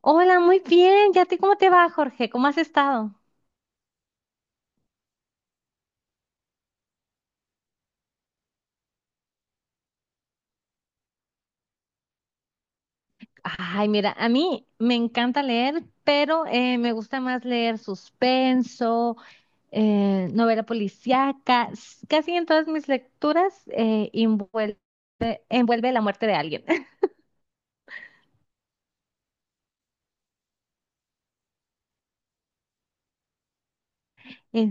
Hola, muy bien. ¿Y a ti cómo te va, Jorge? ¿Cómo has estado? Ay, mira, a mí me encanta leer, pero me gusta más leer suspenso, novela policíaca. Casi en todas mis lecturas envuelve, envuelve la muerte de alguien. Eh,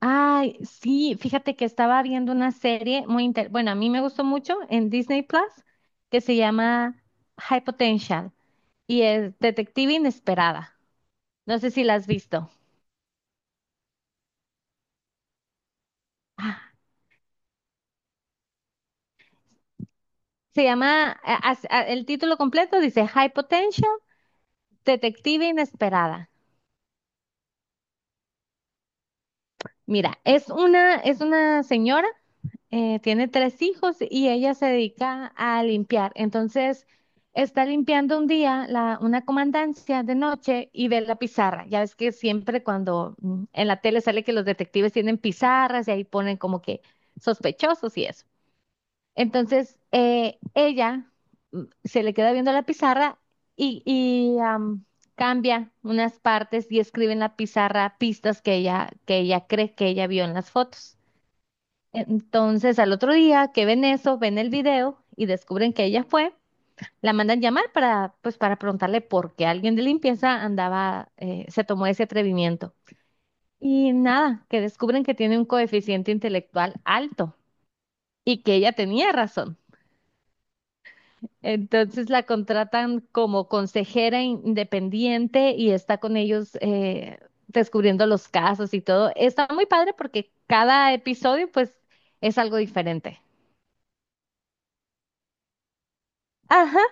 ay, sí, fíjate que estaba viendo una serie muy inter... Bueno, a mí me gustó mucho en Disney Plus que se llama High Potential y es Detective Inesperada. No sé si la has visto. Se llama, el título completo dice High Potential, Detective Inesperada. Mira, es una señora, tiene tres hijos y ella se dedica a limpiar. Entonces, está limpiando un día una comandancia de noche y ve la pizarra. Ya ves que siempre cuando en la tele sale que los detectives tienen pizarras y ahí ponen como que sospechosos y eso. Entonces, ella se le queda viendo la pizarra y cambia unas partes y escribe en la pizarra pistas que ella cree que ella vio en las fotos. Entonces, al otro día que ven eso, ven el video y descubren que ella fue, la mandan llamar para, pues, para preguntarle por qué alguien de limpieza andaba, se tomó ese atrevimiento. Y nada, que descubren que tiene un coeficiente intelectual alto y que ella tenía razón. Entonces la contratan como consejera independiente y está con ellos descubriendo los casos y todo. Está muy padre porque cada episodio pues es algo diferente. Ajá.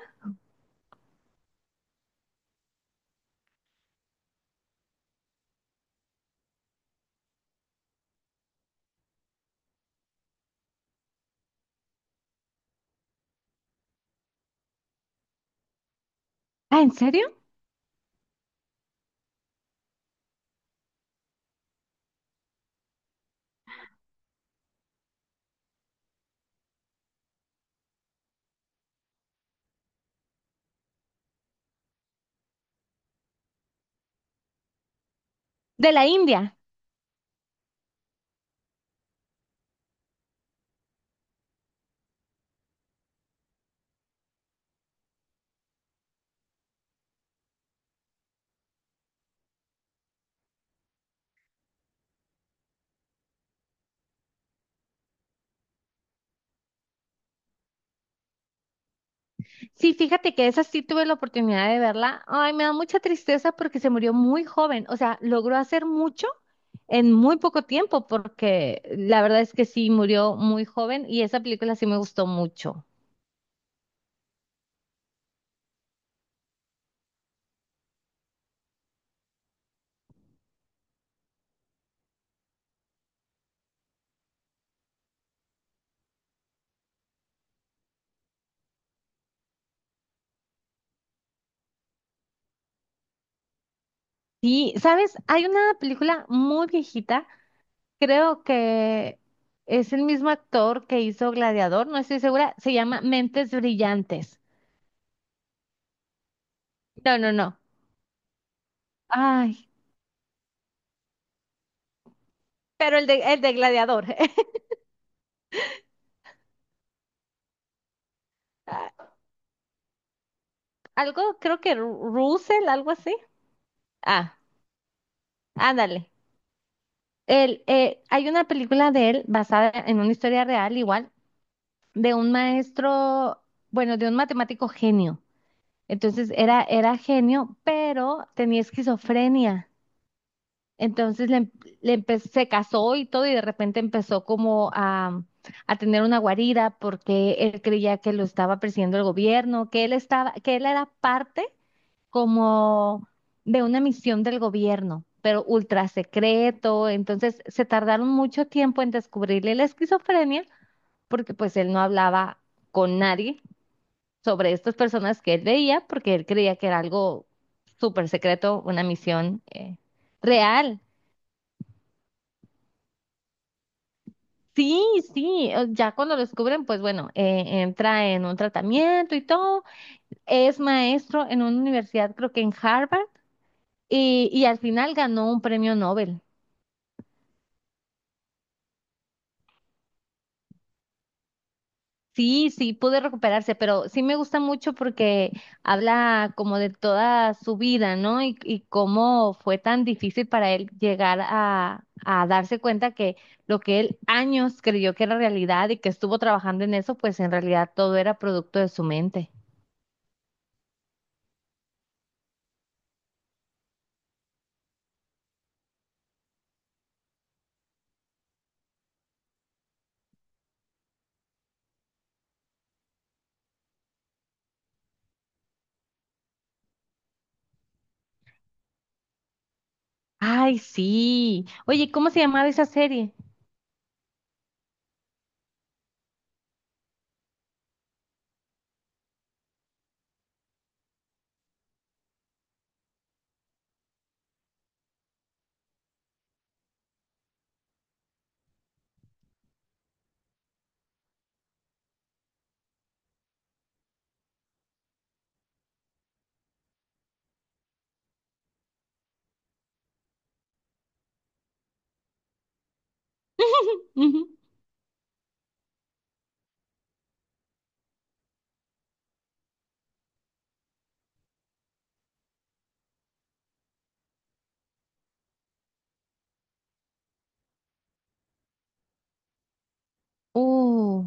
Ah, ¿en serio? De la India. Sí, fíjate que esa sí tuve la oportunidad de verla. Ay, me da mucha tristeza porque se murió muy joven. O sea, logró hacer mucho en muy poco tiempo porque la verdad es que sí murió muy joven y esa película sí me gustó mucho. Sí, ¿sabes? Hay una película muy viejita, creo que es el mismo actor que hizo Gladiador, no estoy segura, se llama Mentes Brillantes. No, no, no. Ay, pero el de Gladiador. Ah, algo, creo que Russell, algo así. Ah, ándale. Hay una película de él basada en una historia real, igual, de un maestro, bueno, de un matemático genio. Era genio, pero tenía esquizofrenia. Entonces le, em- le empe- Se casó y todo y de repente empezó como a tener una guarida porque él creía que lo estaba persiguiendo el gobierno, que él era parte como de una misión del gobierno, pero ultra secreto. Entonces se tardaron mucho tiempo en descubrirle la esquizofrenia porque pues él no hablaba con nadie sobre estas personas que él veía porque él creía que era algo súper secreto, una misión real. Sí, sí, ya cuando lo descubren, pues bueno, entra en un tratamiento y todo. Es maestro en una universidad, creo que en Harvard, y al final ganó un premio Nobel. Sí, sí, pude recuperarse, pero sí me gusta mucho porque habla como de toda su vida, ¿no? Y cómo fue tan difícil para él llegar a darse cuenta que lo que él años creyó que era realidad y que estuvo trabajando en eso, pues en realidad todo era producto de su mente. Ay, sí. Oye, ¿cómo se llamaba esa serie? Ujú. Uh,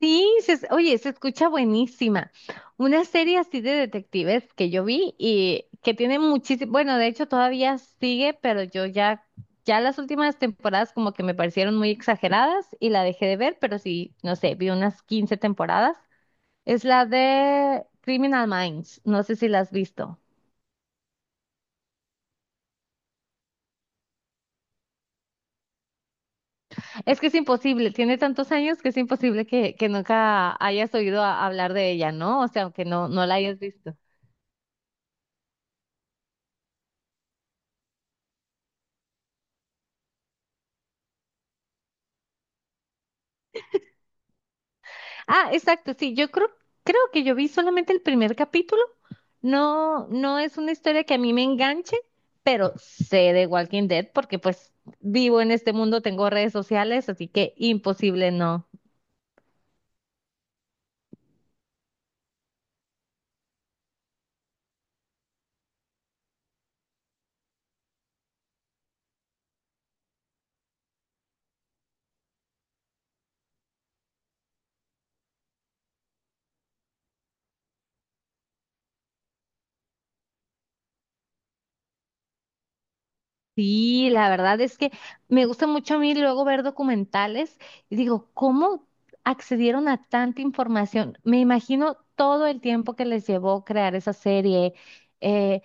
sí, oye, se escucha buenísima. Una serie así de detectives que yo vi y que tiene muchísimo, bueno, de hecho todavía sigue, pero ya las últimas temporadas como que me parecieron muy exageradas y la dejé de ver, pero sí, no sé, vi unas 15 temporadas. Es la de Criminal Minds, no sé si la has visto. Es que es imposible, tiene tantos años que es imposible que nunca hayas oído hablar de ella, ¿no? O sea, aunque no la hayas visto. Ah, exacto, sí, creo que yo vi solamente el primer capítulo. No, no es una historia que a mí me enganche, pero sé de Walking Dead porque pues vivo en este mundo, tengo redes sociales, así que imposible no. Sí, la verdad es que me gusta mucho a mí luego ver documentales y digo, ¿cómo accedieron a tanta información? Me imagino todo el tiempo que les llevó crear esa serie, eh,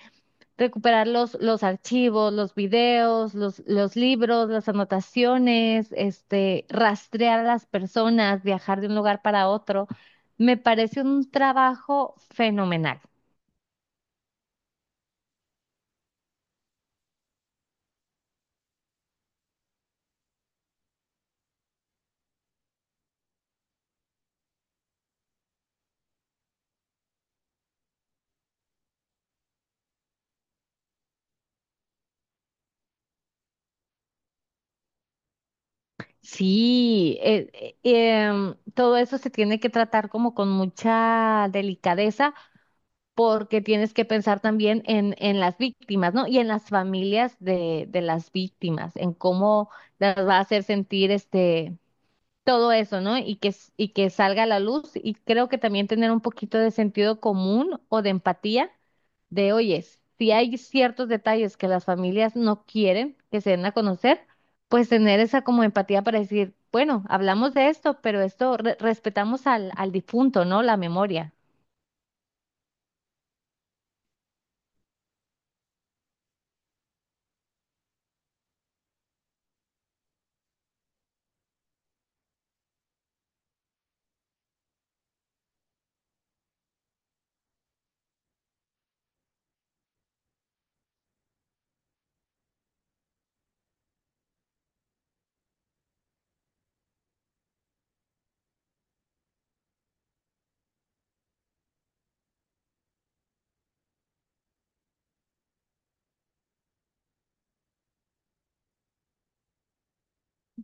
recuperar los archivos, los videos, los libros, las anotaciones, este, rastrear a las personas, viajar de un lugar para otro. Me parece un trabajo fenomenal. Sí, todo eso se tiene que tratar como con mucha delicadeza porque tienes que pensar también en las víctimas, ¿no? Y en las familias de las víctimas, en cómo las va a hacer sentir este todo eso, ¿no? Y que salga a la luz. Y creo que también tener un poquito de sentido común o de empatía de, oyes, si hay ciertos detalles que las familias no quieren que se den a conocer, pues tener esa como empatía para decir, bueno, hablamos de esto, pero esto respetamos al difunto, ¿no? La memoria.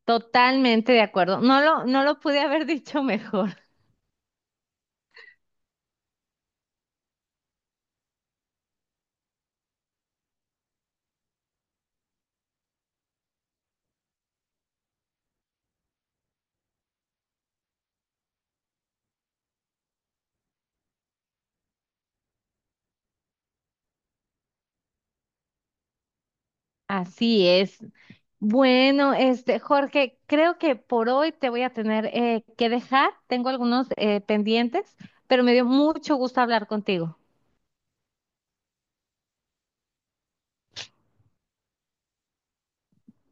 Totalmente de acuerdo. No lo pude haber dicho mejor. Así es. Bueno, este, Jorge, creo que por hoy te voy a tener que dejar. Tengo algunos pendientes, pero me dio mucho gusto hablar contigo.